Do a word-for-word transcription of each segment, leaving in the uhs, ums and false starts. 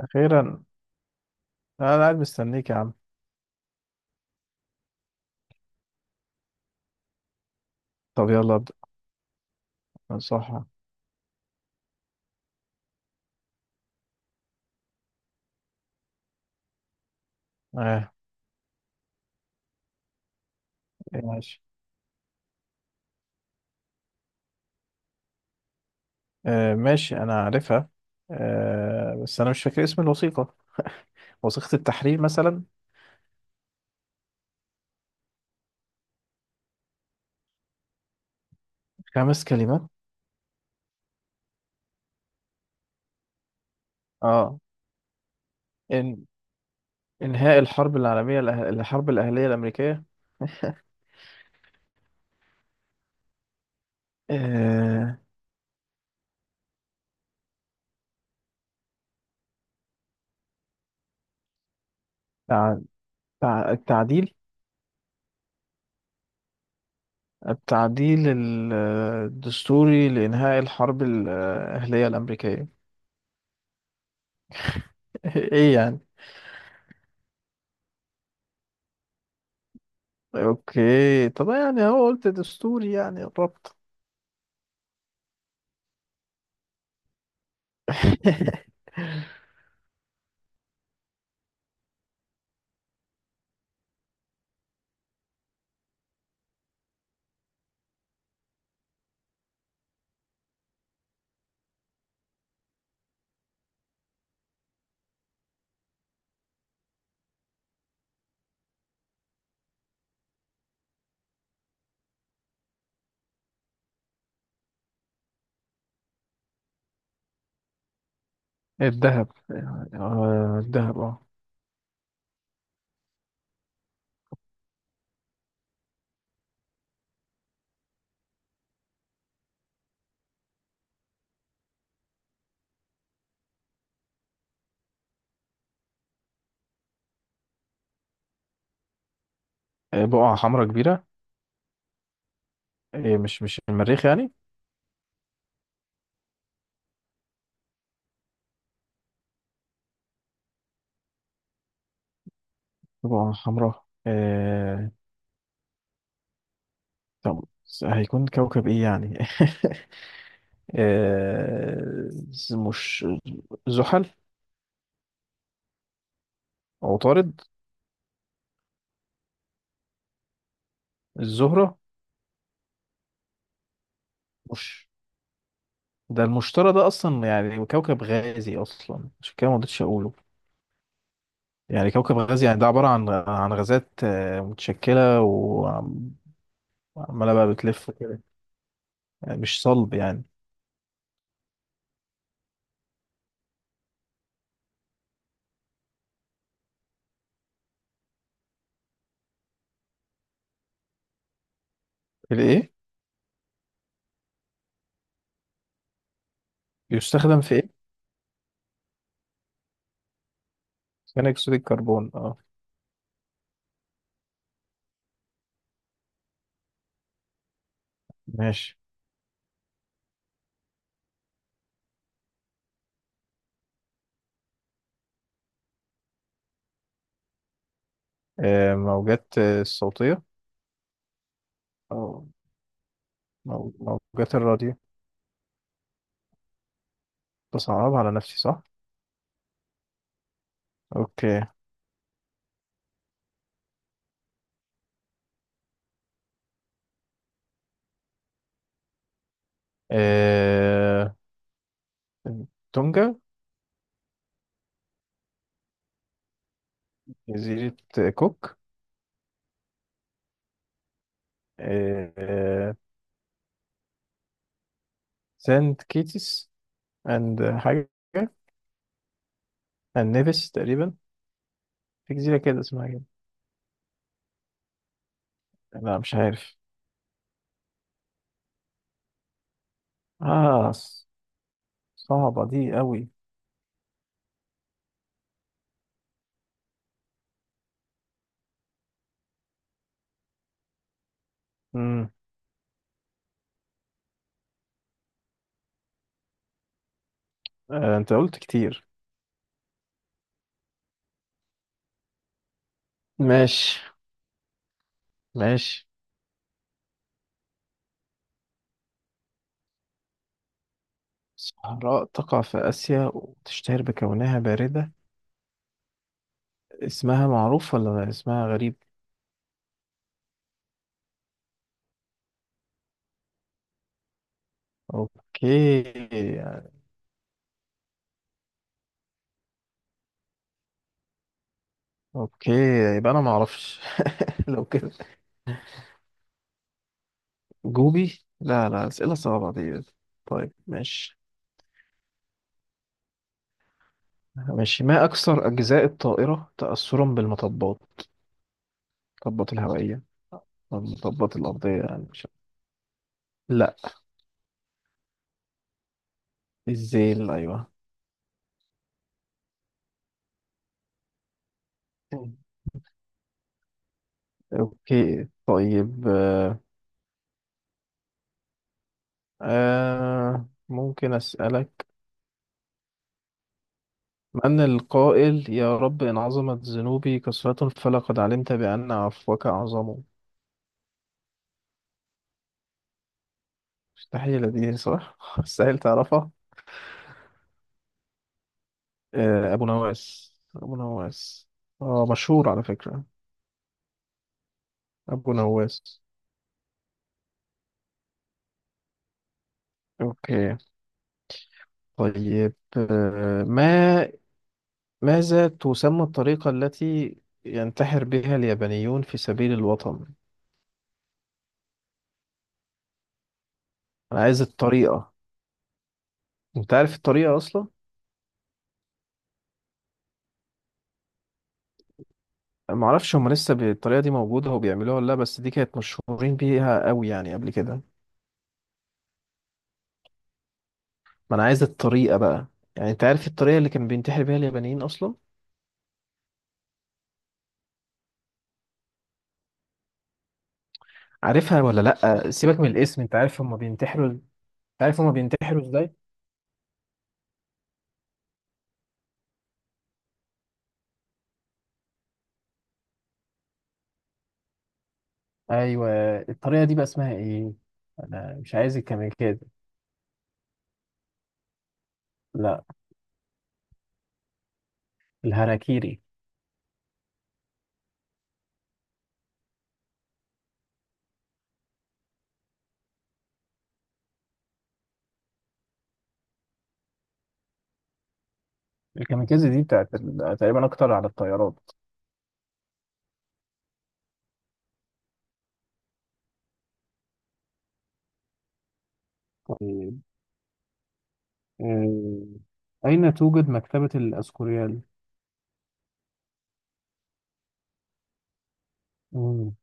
أخيرا. أنا قاعد مستنيك يا عم. طب يلا أبدأ. صح. آه. إيه، ماشي. آه ماشي أنا عارفها. آه بس أنا مش فاكر اسم الوثيقة. وثيقة التحرير مثلا. خمس كلمات. آه، إن إنهاء الحرب العالمية الأه- الحرب الأهلية الأمريكية. آه. تع... تع... التعديل. التعديل ال- الدستوري لإنهاء الحرب الأهلية الأمريكية. إيه يعني؟ أوكي، طب يعني هو قلت دستوري يعني الربط. الذهب. آه، الذهب، اه. آه، بقعة حمراء كبيرة. آه، مش مش المريخ يعني. بقعة حمراء. آه، طب هيكون كوكب ايه يعني؟ آه، مش زحل. عطارد. الزهرة. مش، ده المشتري ده اصلا يعني كوكب غازي اصلا عشان كده ما رضيتش اقوله. يعني كوكب غازي، يعني ده عبارة عن عن غازات آه، متشكلة وعمالة بقى بتلف كده، يعني مش صلب يعني. الايه؟ بيستخدم في ايه؟ ثاني اكسيد الكربون، اه. ماشي. آه موجات آه، الصوتية. او، مو- موجات الراديو. بصعب على نفسي، صح. اوكي. آه. تونجا. جزيرة كوك. آه آه، سانت كيتس اند حاجة. اند نيفيس تقريبا. في جزيرة كده اسمها كده. لا مش عارف. اه ص- صعبة دي قوي. امم. آه انت قلت كتير. ماشي. ماشي. صحراء تقع في آسيا وتشتهر بكونها باردة. اسمها معروف ولا اسمها غريب؟ اوكي. اوكي، يبقى انا ما اعرفش. لو كده جوبي، لا لا اسئله صعبه دي. طيب ماشي. ماشي. ما اكثر اجزاء الطائره تاثرا بالمطبات؟ المطبات الهوائيه أو المطبات الارضيه، يعني مش. لا. الزيل، ايوه. اوكي طيب آه، آه، ممكن اسالك: من القائل يا رب إن عظمت ذنوبي كثرة فلقد علمت بأن عفوك أعظم؟ مستحيل دي صح؟ مستحيل تعرفها. آه، أبو نواس، أبو نواس. آه مشهور على فكرة. أبو نواس. أوكي طيب آه، ما ماذا تسمى الطريقة التي ينتحر بها اليابانيون في سبيل الوطن؟ أنا عايز الطريقة. أنت عارف الطريقة أصلا؟ ما اعرفش هم لسه بالطريقه دي موجوده وبيعملوها ولا لا، بس دي كانت مشهورين بيها قوي يعني قبل كده. ما انا عايز الطريقه بقى. يعني انت عارف الطريقه اللي كان بينتحر بيها اليابانيين اصلا؟ عارفها ولا لا؟ سيبك من الاسم، انت عارف هم بينتحروا؟ انت عارف هم بينتحروا ازاي؟ ايوه. الطريقه دي بقى اسمها ايه؟ انا مش عايز الكاميكازي. لا، الهاراكيري. الكاميكازي دي بتاعت ال- تقريبا اكتر على الطيارات. طيب، آه، أين توجد مكتبة الأسكوريال؟ مم،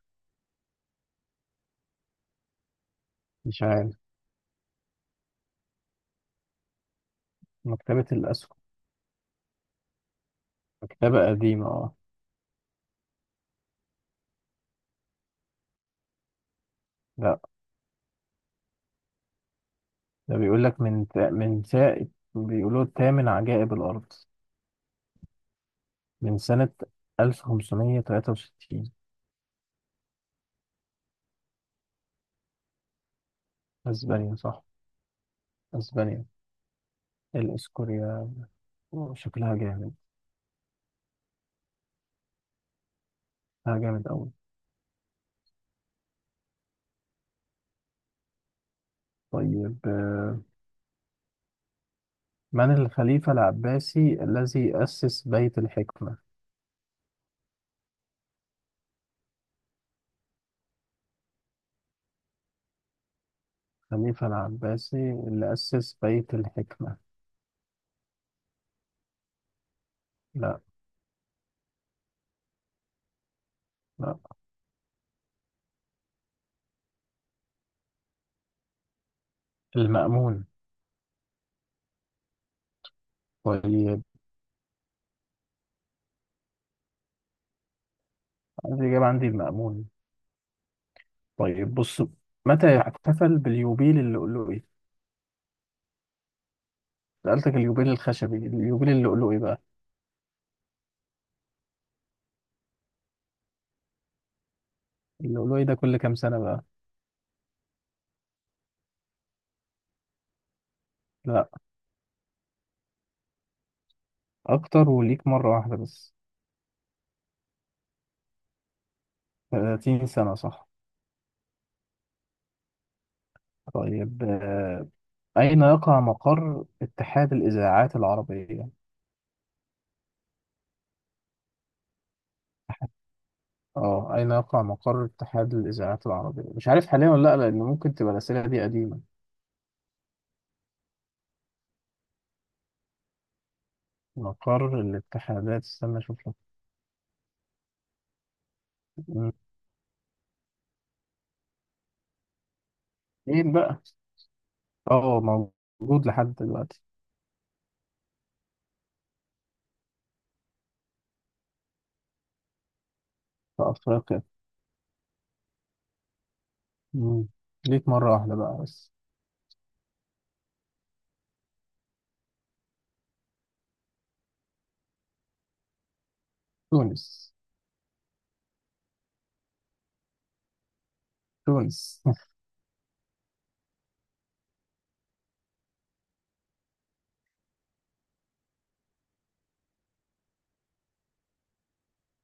مش عارف. مكتبة كتابة قديمة، اه. لا، ده بيقول لك من تا- من ساعة، بيقولوا تامن عجائب الأرض، من سنة ألف وخمسمية وتلاتة وستين. أسبانيا صح. أسبانيا. الإسكوريا. أوه، شكلها جامد، شكلها جامد أوي. طيب آه، من الخليفة العباسي الذي أسس بيت الحكمة؟ الخليفة العباسي اللي أسس بيت الحكمة. لا. لا. المأمون. طيب، الإجابة عندي المأمون. طيب بص، متى يحتفل باليوبيل اللؤلؤي؟ سألتك اليوبيل الخشبي، اليوبيل اللؤلؤي بقى. اللؤلؤي ده كل كام سنة بقى؟ لا، أكتر، وليك مرة واحدة بس. تلاتين سنة، صح. طيب آه، أين يقع مقر اتحاد الإذاعات العربية؟ اه أين يقع مقر اتحاد الإذاعات العربية؟ مش عارف حاليا ولا لأ، لأن ممكن تبقى الأسئلة دي قديمة. مقر الاتحادات، استنى أشوف لك. مم. فين بقى؟ اه، موجود لحد دلوقتي. في أفريقيا. مم. ليك مرة واحدة بقى بس. تونس. تونس.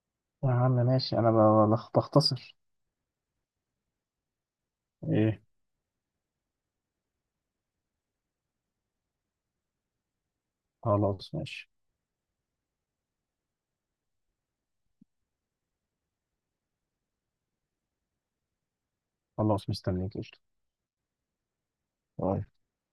يا عم ماشي، أنا ب- ب- بخ- بختصر. إيه. خلاص ماشي. خلاص مستنيك، قشطة. باي.